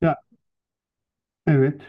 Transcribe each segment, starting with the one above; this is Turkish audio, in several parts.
Ya evet.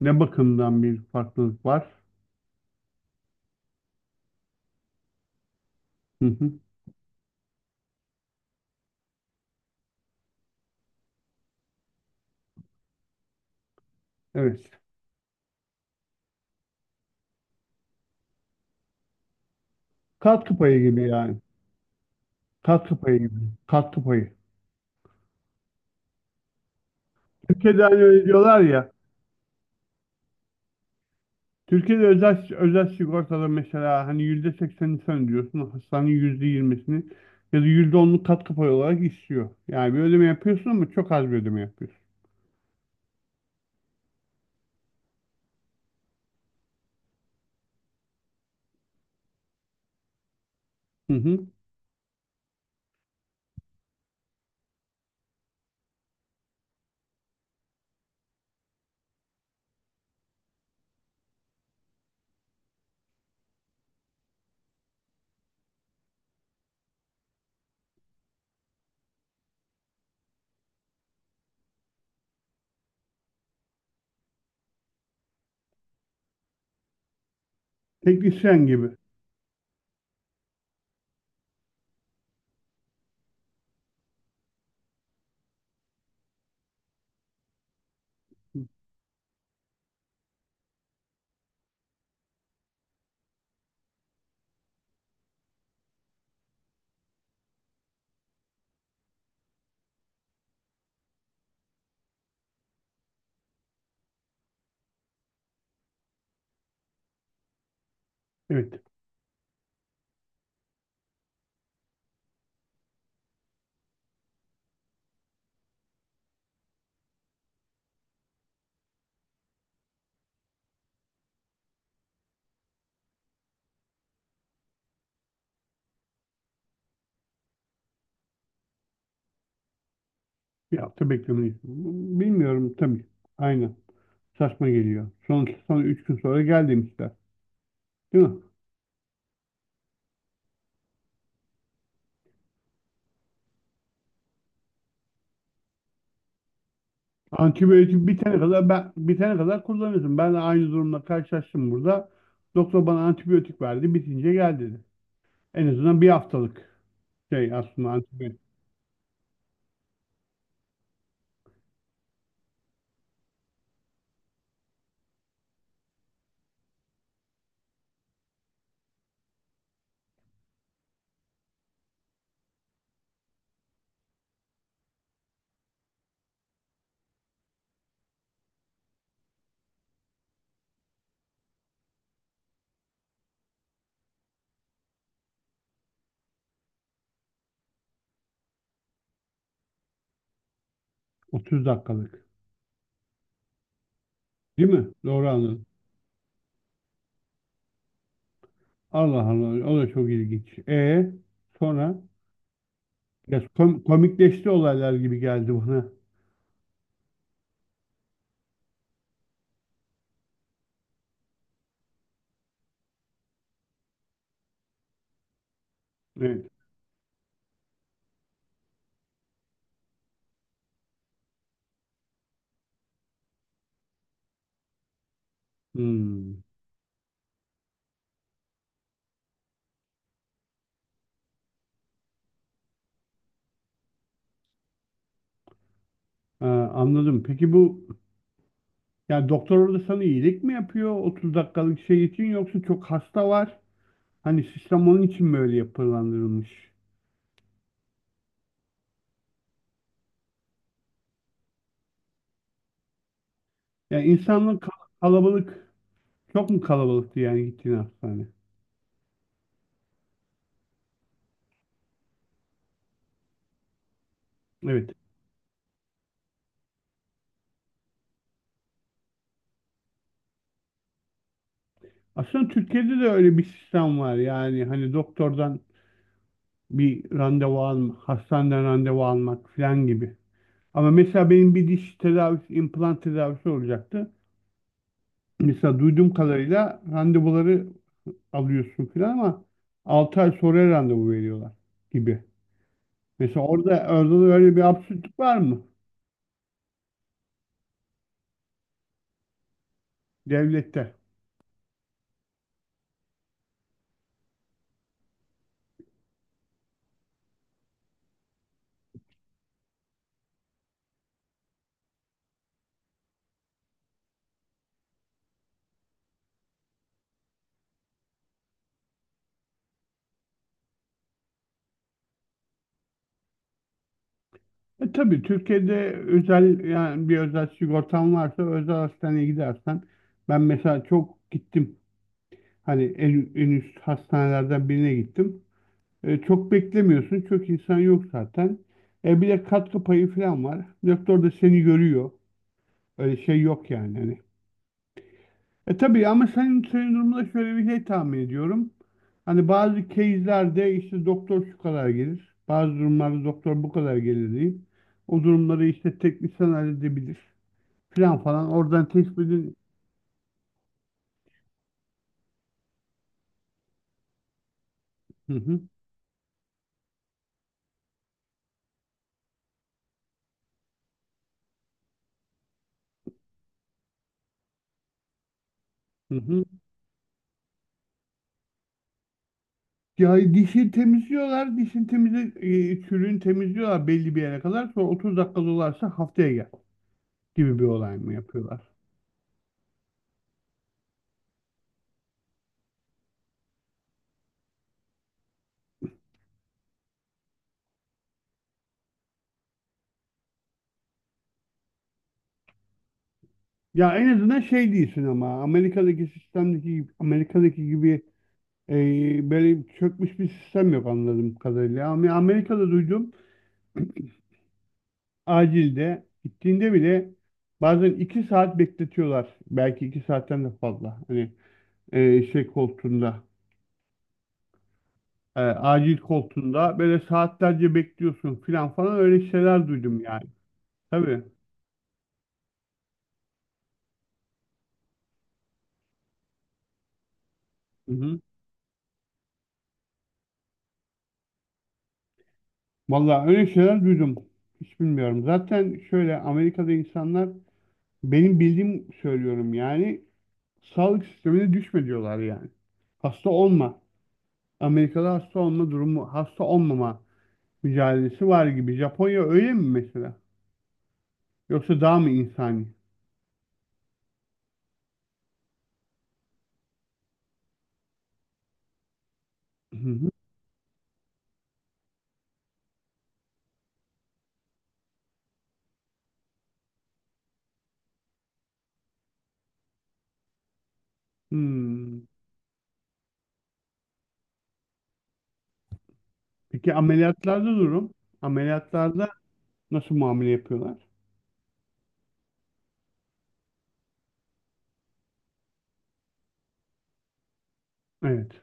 Ne bakımdan bir farklılık var? Hı hı. Evet. Katkı payı gibi yani. Katkı payı gibi. Katkı payı. Türkiye'de hani öyle diyorlar ya. Türkiye'de özel sigortada mesela hani yüzde seksenini sen ödüyorsun. Hastanenin yüzde yirmisini ya da yüzde onluk katkı payı olarak istiyor. Yani bir ödeme yapıyorsun ama çok az bir ödeme yapıyorsun. Hı hı. Teknisyen gibi. Evet. Bir hafta beklemeliyiz. Bilmiyorum tabii. Aynen. Saçma geliyor. Sonuçta sonra üç gün sonra gel demişler. Değil mi? Antibiyotik bitene kadar kullanıyorsun. Ben de aynı durumla karşılaştım burada. Doktor bana antibiyotik verdi, bitince gel dedi. En azından bir haftalık şey aslında antibiyotik. 30 dakikalık. Değil mi? Doğru anladım. Allah Allah. O da çok ilginç. E sonra biraz komikleşti olaylar gibi geldi bana. Evet. Hmm. Ha, anladım. Peki bu yani doktor orada sana iyilik mi yapıyor 30 dakikalık şey için yoksa çok hasta var? Hani sistem onun için mi öyle yapılandırılmış? Yani kalabalık çok mu kalabalıktı yani gittiğin hastane? Evet. Aslında Türkiye'de de öyle bir sistem var. Yani hani doktordan bir randevu almak, hastaneden randevu almak falan gibi. Ama mesela benim bir diş tedavisi, implant tedavisi olacaktı. Mesela duyduğum kadarıyla randevuları alıyorsun falan ama 6 ay sonra randevu veriyorlar gibi. Mesela orada da öyle bir absürtlük var mı devlette? E tabii Türkiye'de özel yani bir özel sigortan varsa özel hastaneye gidersen ben mesela çok gittim hani en üst hastanelerden birine gittim. E, çok beklemiyorsun çok insan yok zaten. E, bir de katkı payı falan var. Doktor da seni görüyor. Öyle şey yok yani. Hani E tabii ama senin durumunda şöyle bir şey tahmin ediyorum. Hani bazı case'lerde işte doktor şu kadar gelir. Bazı durumlarda doktor bu kadar gelir deyip o durumları işte teknisyen halledebilir. Falan falan oradan tespitin Hı hı hı hı. Ya dişi temizliyorlar. Çürüğünü temizliyorlar belli bir yere kadar. Sonra 30 dakika dolarsa haftaya gel gibi bir olay mı yapıyorlar? Ya en azından şey değilsin ama Amerika'daki sistemdeki gibi, Amerika'daki gibi böyle çökmüş bir sistem yok anladığım kadarıyla. Ama Amerika'da duydum acilde gittiğinde bile bazen iki saat bekletiyorlar. Belki iki saatten de fazla. Hani e, şey koltuğunda acil koltuğunda böyle saatlerce bekliyorsun filan falan öyle şeyler duydum yani. Tabii. Hı hı. Vallahi öyle şeyler duydum. Hiç bilmiyorum. Zaten şöyle Amerika'da insanlar benim bildiğim söylüyorum yani sağlık sistemine düşme diyorlar yani. Hasta olma. Amerika'da hasta olma durumu, hasta olmama mücadelesi var gibi. Japonya öyle mi mesela? Yoksa daha mı insani? Hı hı. Hmm. Peki ameliyatlarda durum? Ameliyatlarda nasıl muamele yapıyorlar? Evet.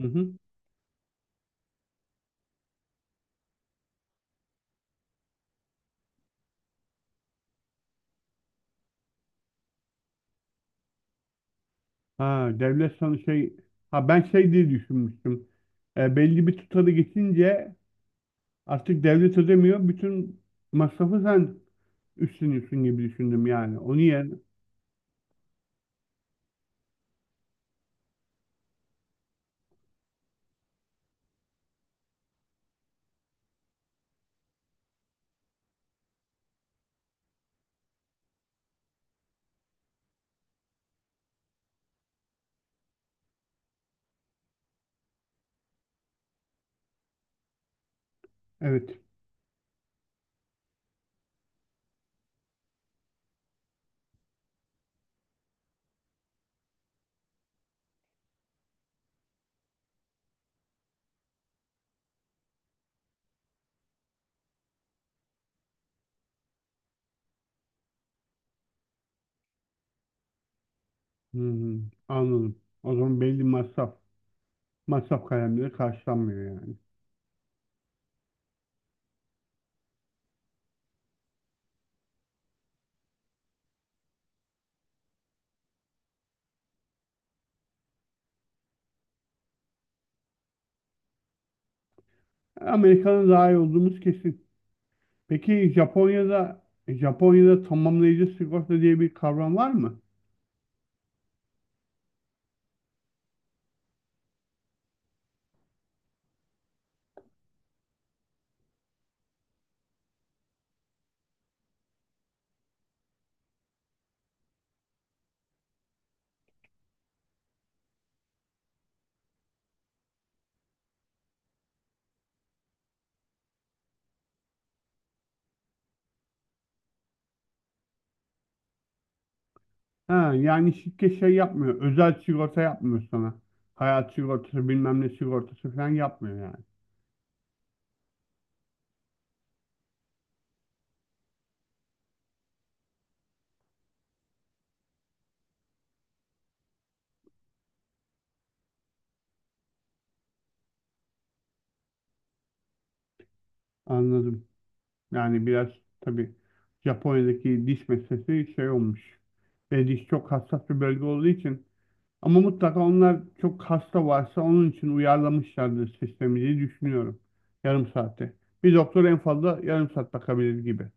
Hı hı. Ha, devlet sana şey... Ha ben şey diye düşünmüştüm. E, belli bir tutarı geçince artık devlet ödemiyor. Bütün masrafı sen üstleniyorsun gibi düşündüm yani. Onu yerine. Evet. Hmm, anladım. O zaman belli masraf. Masraf kalemleri karşılanmıyor yani. Amerika'nın daha iyi olduğumuz kesin. Peki Japonya'da tamamlayıcı sigorta diye bir kavram var mı? Ha, yani şirket şey yapmıyor. Özel sigorta yapmıyor sana. Hayat sigortası bilmem ne sigortası falan yapmıyor yani. Anladım. Yani biraz tabii Japonya'daki diş meselesi şey olmuş. Ve diş çok hassas bir bölge olduğu için. Ama mutlaka onlar çok hasta varsa onun için uyarlamışlardır sistemi diye düşünüyorum. Yarım saatte bir doktor en fazla yarım saat bakabilir gibi.